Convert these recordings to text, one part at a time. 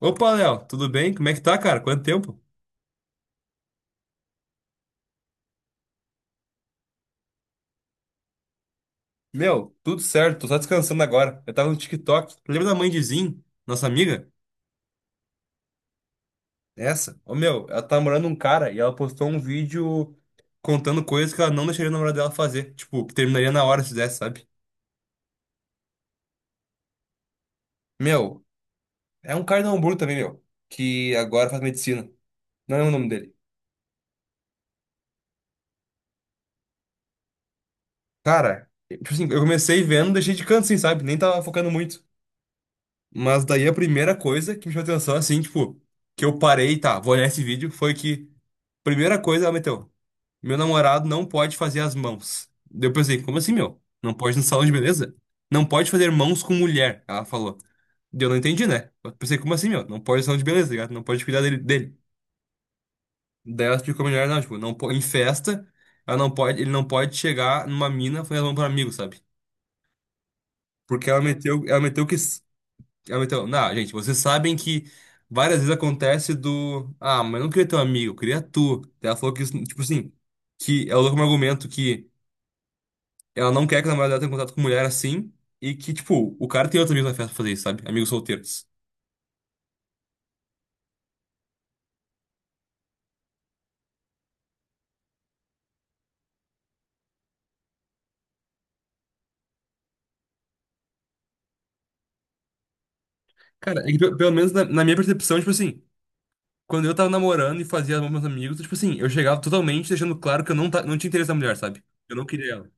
Opa, Léo, tudo bem? Como é que tá, cara? Quanto tempo? Meu, tudo certo, tô só descansando agora. Eu tava no TikTok. Lembra da mãe de Zin, nossa amiga? Essa? Ô, meu, ela tá namorando um cara e ela postou um vídeo contando coisas que ela não deixaria o namorado dela fazer. Tipo, que terminaria na hora se fizesse, sabe? Meu, é um cara de Hamburgo também, meu, que agora faz medicina. Não é o nome dele. Cara, tipo assim, eu comecei vendo, deixei de canto, assim, sabe? Nem tava focando muito. Mas daí a primeira coisa que me chamou atenção, assim, tipo, que eu parei, tá, vou olhar esse vídeo, foi que. Primeira coisa, ela meteu. Meu namorado não pode fazer as mãos. Daí eu pensei, como assim, meu? Não pode no salão de beleza? Não pode fazer mãos com mulher, ela falou. Daí eu não entendi, né? Eu pensei, como assim, meu? Não pode no salão de beleza, tá ligado? Não pode cuidar dele. Daí ela explicou melhor, não, tipo, não, em festa, ela não pode, ele não pode chegar numa mina fazer as mãos para amigo, sabe? Porque ela meteu que. Ela meteu, não, gente, vocês sabem que várias vezes acontece do. Ah, mas eu não queria teu amigo, eu queria tu. Daí ela falou que, isso, tipo assim, que ela usou como argumento que. Ela não quer que a namorada dela tenha contato com mulher assim. E que, tipo, o cara tem outros amigos na festa pra fazer isso, sabe? Amigos solteiros. Cara, é que, pelo menos na minha percepção, tipo assim, quando eu tava namorando e fazia amor com meus amigos, tipo assim, eu chegava totalmente deixando claro que eu não, não tinha interesse na mulher, sabe? Eu não queria ela.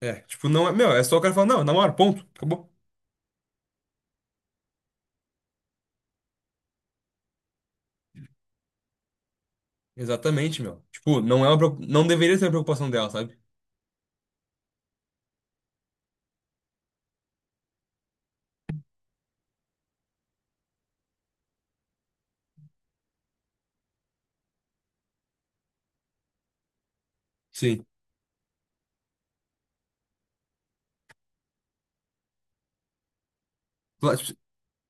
É, tipo, não é. Meu, é só o cara falar, não, eu namoro, ponto, acabou. Exatamente, meu. Tipo, não é uma, não deveria ser uma preocupação dela, sabe? Sim. Ela, tipo,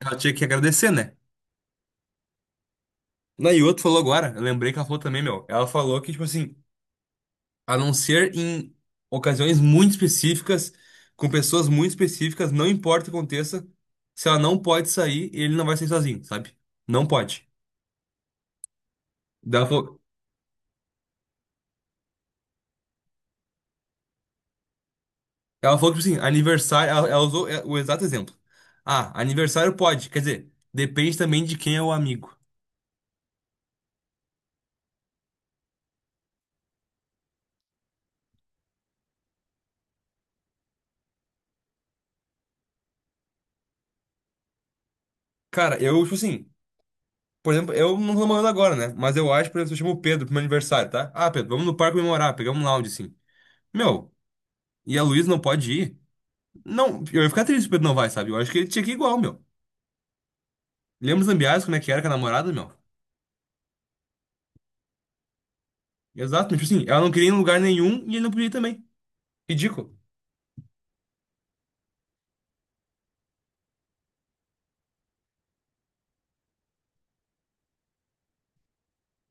ela tinha que agradecer, né? Na e outro falou agora, eu lembrei que ela falou também, meu. Ela falou que, tipo assim. A não ser em ocasiões muito específicas, com pessoas muito específicas, não importa o que aconteça, se ela não pode sair, ele não vai sair sozinho, sabe? Não pode. Daí ela falou, ela falou que, tipo assim, aniversário, ela usou é, o exato exemplo. Ah, aniversário pode, quer dizer, depende também de quem é o amigo. Cara, eu, tipo assim, por exemplo, eu não tô namorando agora, né? Mas eu acho, por exemplo, se eu chamo o Pedro pro meu aniversário, tá? Ah, Pedro, vamos no parque comemorar, pegamos um lounge, assim. Meu, e a Luísa não pode ir? Não, eu ia ficar triste se o Pedro não vai, sabe? Eu acho que ele tinha que ir igual, meu. Lembra os Zambiás, como é que era com a namorada, meu? Exato, mas tipo assim, ela não queria ir em lugar nenhum e ele não podia ir também. Ridículo.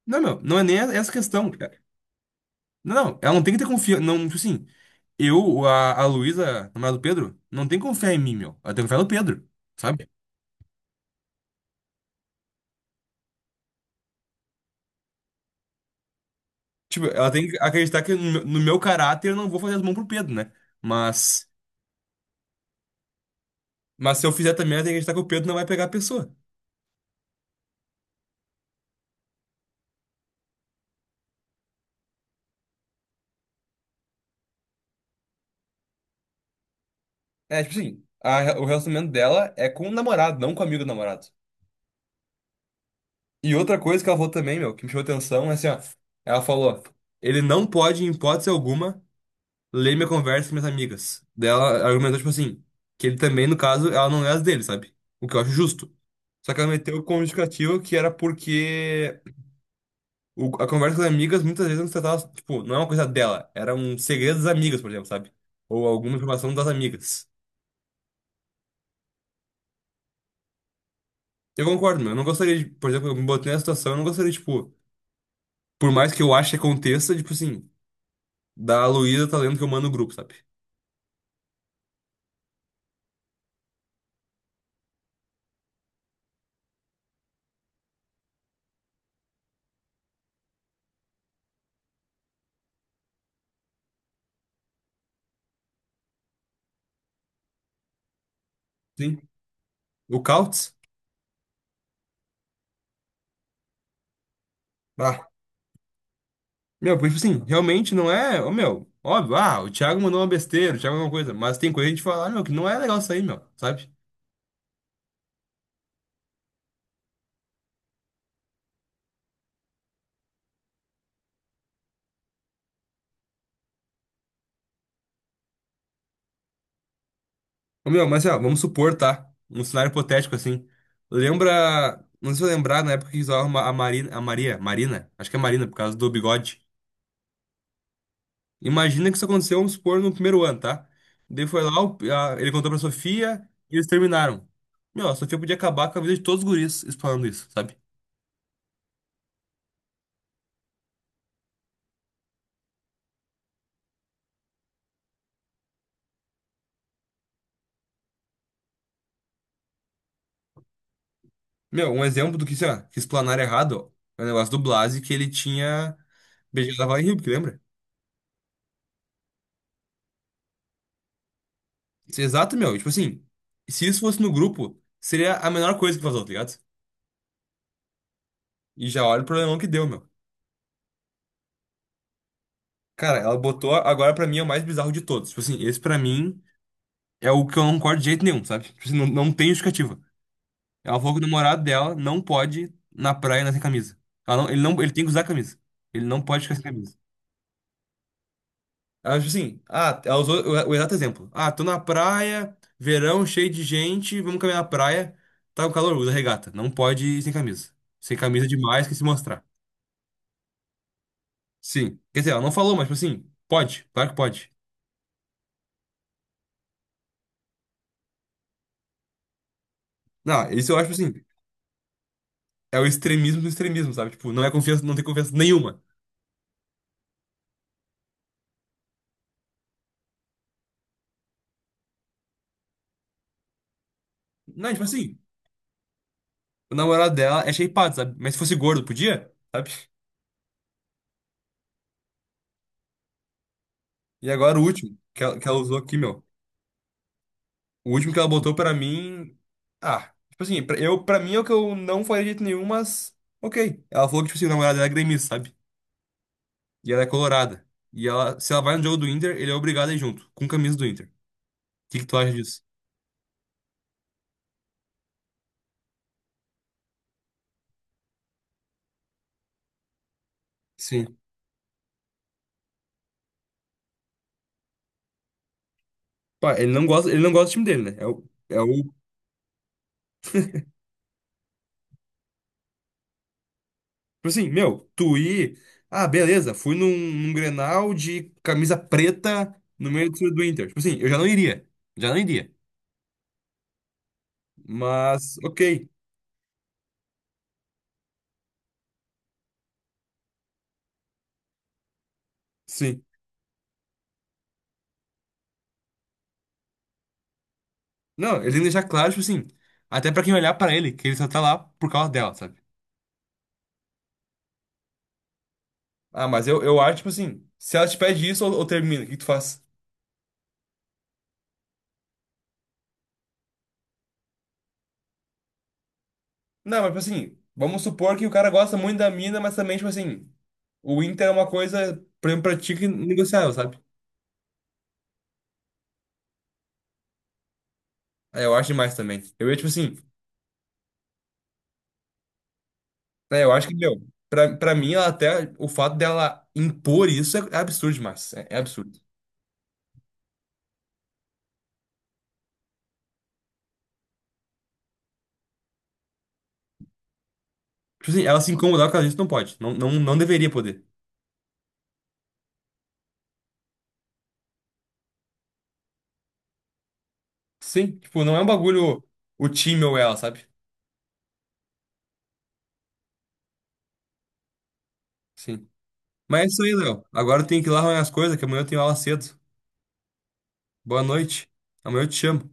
Não, meu, não é nem essa questão. É, não, ela não tem que ter confiança. Não, tipo assim, eu, a Luísa, namorada do Pedro, não tem que confiar em mim, meu. Ela tem que confiar no Pedro, sabe? Tipo, ela tem que acreditar que no, meu no meu caráter eu não vou fazer as mãos pro Pedro, né? Mas, mas se eu fizer também, ela tem que acreditar que o Pedro não vai pegar a pessoa. É, tipo assim, o relacionamento dela é com o namorado, não com o amigo do namorado. E outra coisa que ela falou também, meu, que me chamou atenção, é assim, ó. Ela falou, ele não pode, em hipótese alguma, ler minha conversa com minhas amigas. Daí ela argumentou, tipo assim, que ele também, no caso, ela não lê as dele, sabe? O que eu acho justo. Só que ela meteu como justificativa que era porque a conversa com as amigas muitas vezes não se tratava, tipo, não é uma coisa dela, era um segredo das amigas, por exemplo, sabe? Ou alguma informação das amigas. Eu concordo, meu. Eu não gostaria de, por exemplo, eu me botei nessa situação, eu não gostaria, tipo, por mais que eu ache que aconteça, tipo assim. Da Luísa tá lendo que eu mando o grupo, sabe? Sim. O Cautz? Ah. Meu, porque, tipo assim, realmente não é. Ô, meu, óbvio, ah, o Thiago mandou uma besteira, o Thiago alguma coisa. Mas tem coisa que a gente fala, ah, meu, que não é legal isso aí, meu, sabe? Ô, meu, mas ó, vamos supor, tá? Um cenário hipotético, assim. Lembra. Não sei se eu lembrar na época que usava a Marina. A Maria. Marina? Acho que é Marina, por causa do bigode. Imagina que isso aconteceu, vamos supor, no primeiro ano, tá? Daí foi lá, ele contou pra Sofia e eles terminaram. Meu, a Sofia podia acabar com a vida de todos os guris falando isso, sabe? Meu, um exemplo do que, sei lá, que explanaram errado, ó, é o negócio do Blasi que ele tinha beijado a Vale Rio que lembra? Isso é exato, meu. Tipo assim, se isso fosse no grupo, seria a menor coisa que vazou, tá ligado? E já olha o problemão que deu, meu. Cara, ela botou, agora pra mim é o mais bizarro de todos. Tipo assim, esse pra mim é o que eu não concordo de jeito nenhum, sabe? Tipo assim, não tem justificativa. Ela falou que o namorado dela não pode ir na praia na sem camisa. Ela não, ele não, ele tem que usar camisa. Ele não pode ficar sem camisa. Acho assim, ah, ela usou o exato exemplo. Ah, tô na praia, verão, cheio de gente, vamos caminhar na praia. Tá com calor, usa regata. Não pode ir sem camisa. Sem camisa é demais que se mostrar. Sim. Quer dizer, ela não falou, mas, tipo assim, pode, claro que pode. Não, isso eu acho, tipo assim, é o extremismo do extremismo, sabe? Tipo, não é confiança, não tem confiança nenhuma. Não, tipo assim, o namorado dela é shapeado, sabe? Mas se fosse gordo, podia, sabe? E agora o último, que ela usou aqui, meu. O último que ela botou pra mim. Ah, tipo assim, pra, eu, pra mim é o que eu não faria de jeito nenhum, mas. Ok. Ela falou que, tipo assim, o namorado dela é gremista, sabe? E ela é colorada. E ela, se ela vai no jogo do Inter, ele é obrigado a ir junto, com camisa do Inter. O que que tu acha disso? Sim. Pá, ele não gosta do time dele, né? É o. Tipo assim, meu, tu ir. Ah, beleza, num Grenal de camisa preta no meio do Inter. Tipo assim, eu já não iria. Já não iria. Mas, ok. Sim. Não, ele tem que deixar claro, tipo assim, até pra quem olhar pra ele, que ele só tá lá por causa dela, sabe? Ah, mas eu acho, tipo assim, se ela te pede isso ou termina, o que que tu faz? Não, mas, tipo assim, vamos supor que o cara gosta muito da mina, mas também, tipo assim, o Inter é uma coisa, por exemplo, pra ti que é negociável, sabe? É, eu acho demais também. Eu ia, tipo assim, é, eu acho que, meu, pra mim, ela até, o fato dela impor isso é, é absurdo demais, é, é absurdo. Tipo assim, ela se incomodar por causa disso não pode, não deveria poder. Sim, tipo, não é um bagulho o time ou ela, sabe? Sim. Mas é isso aí, Léo. Agora eu tenho que ir lá arrumar as coisas, que amanhã eu tenho aula cedo. Boa noite. Amanhã eu te chamo.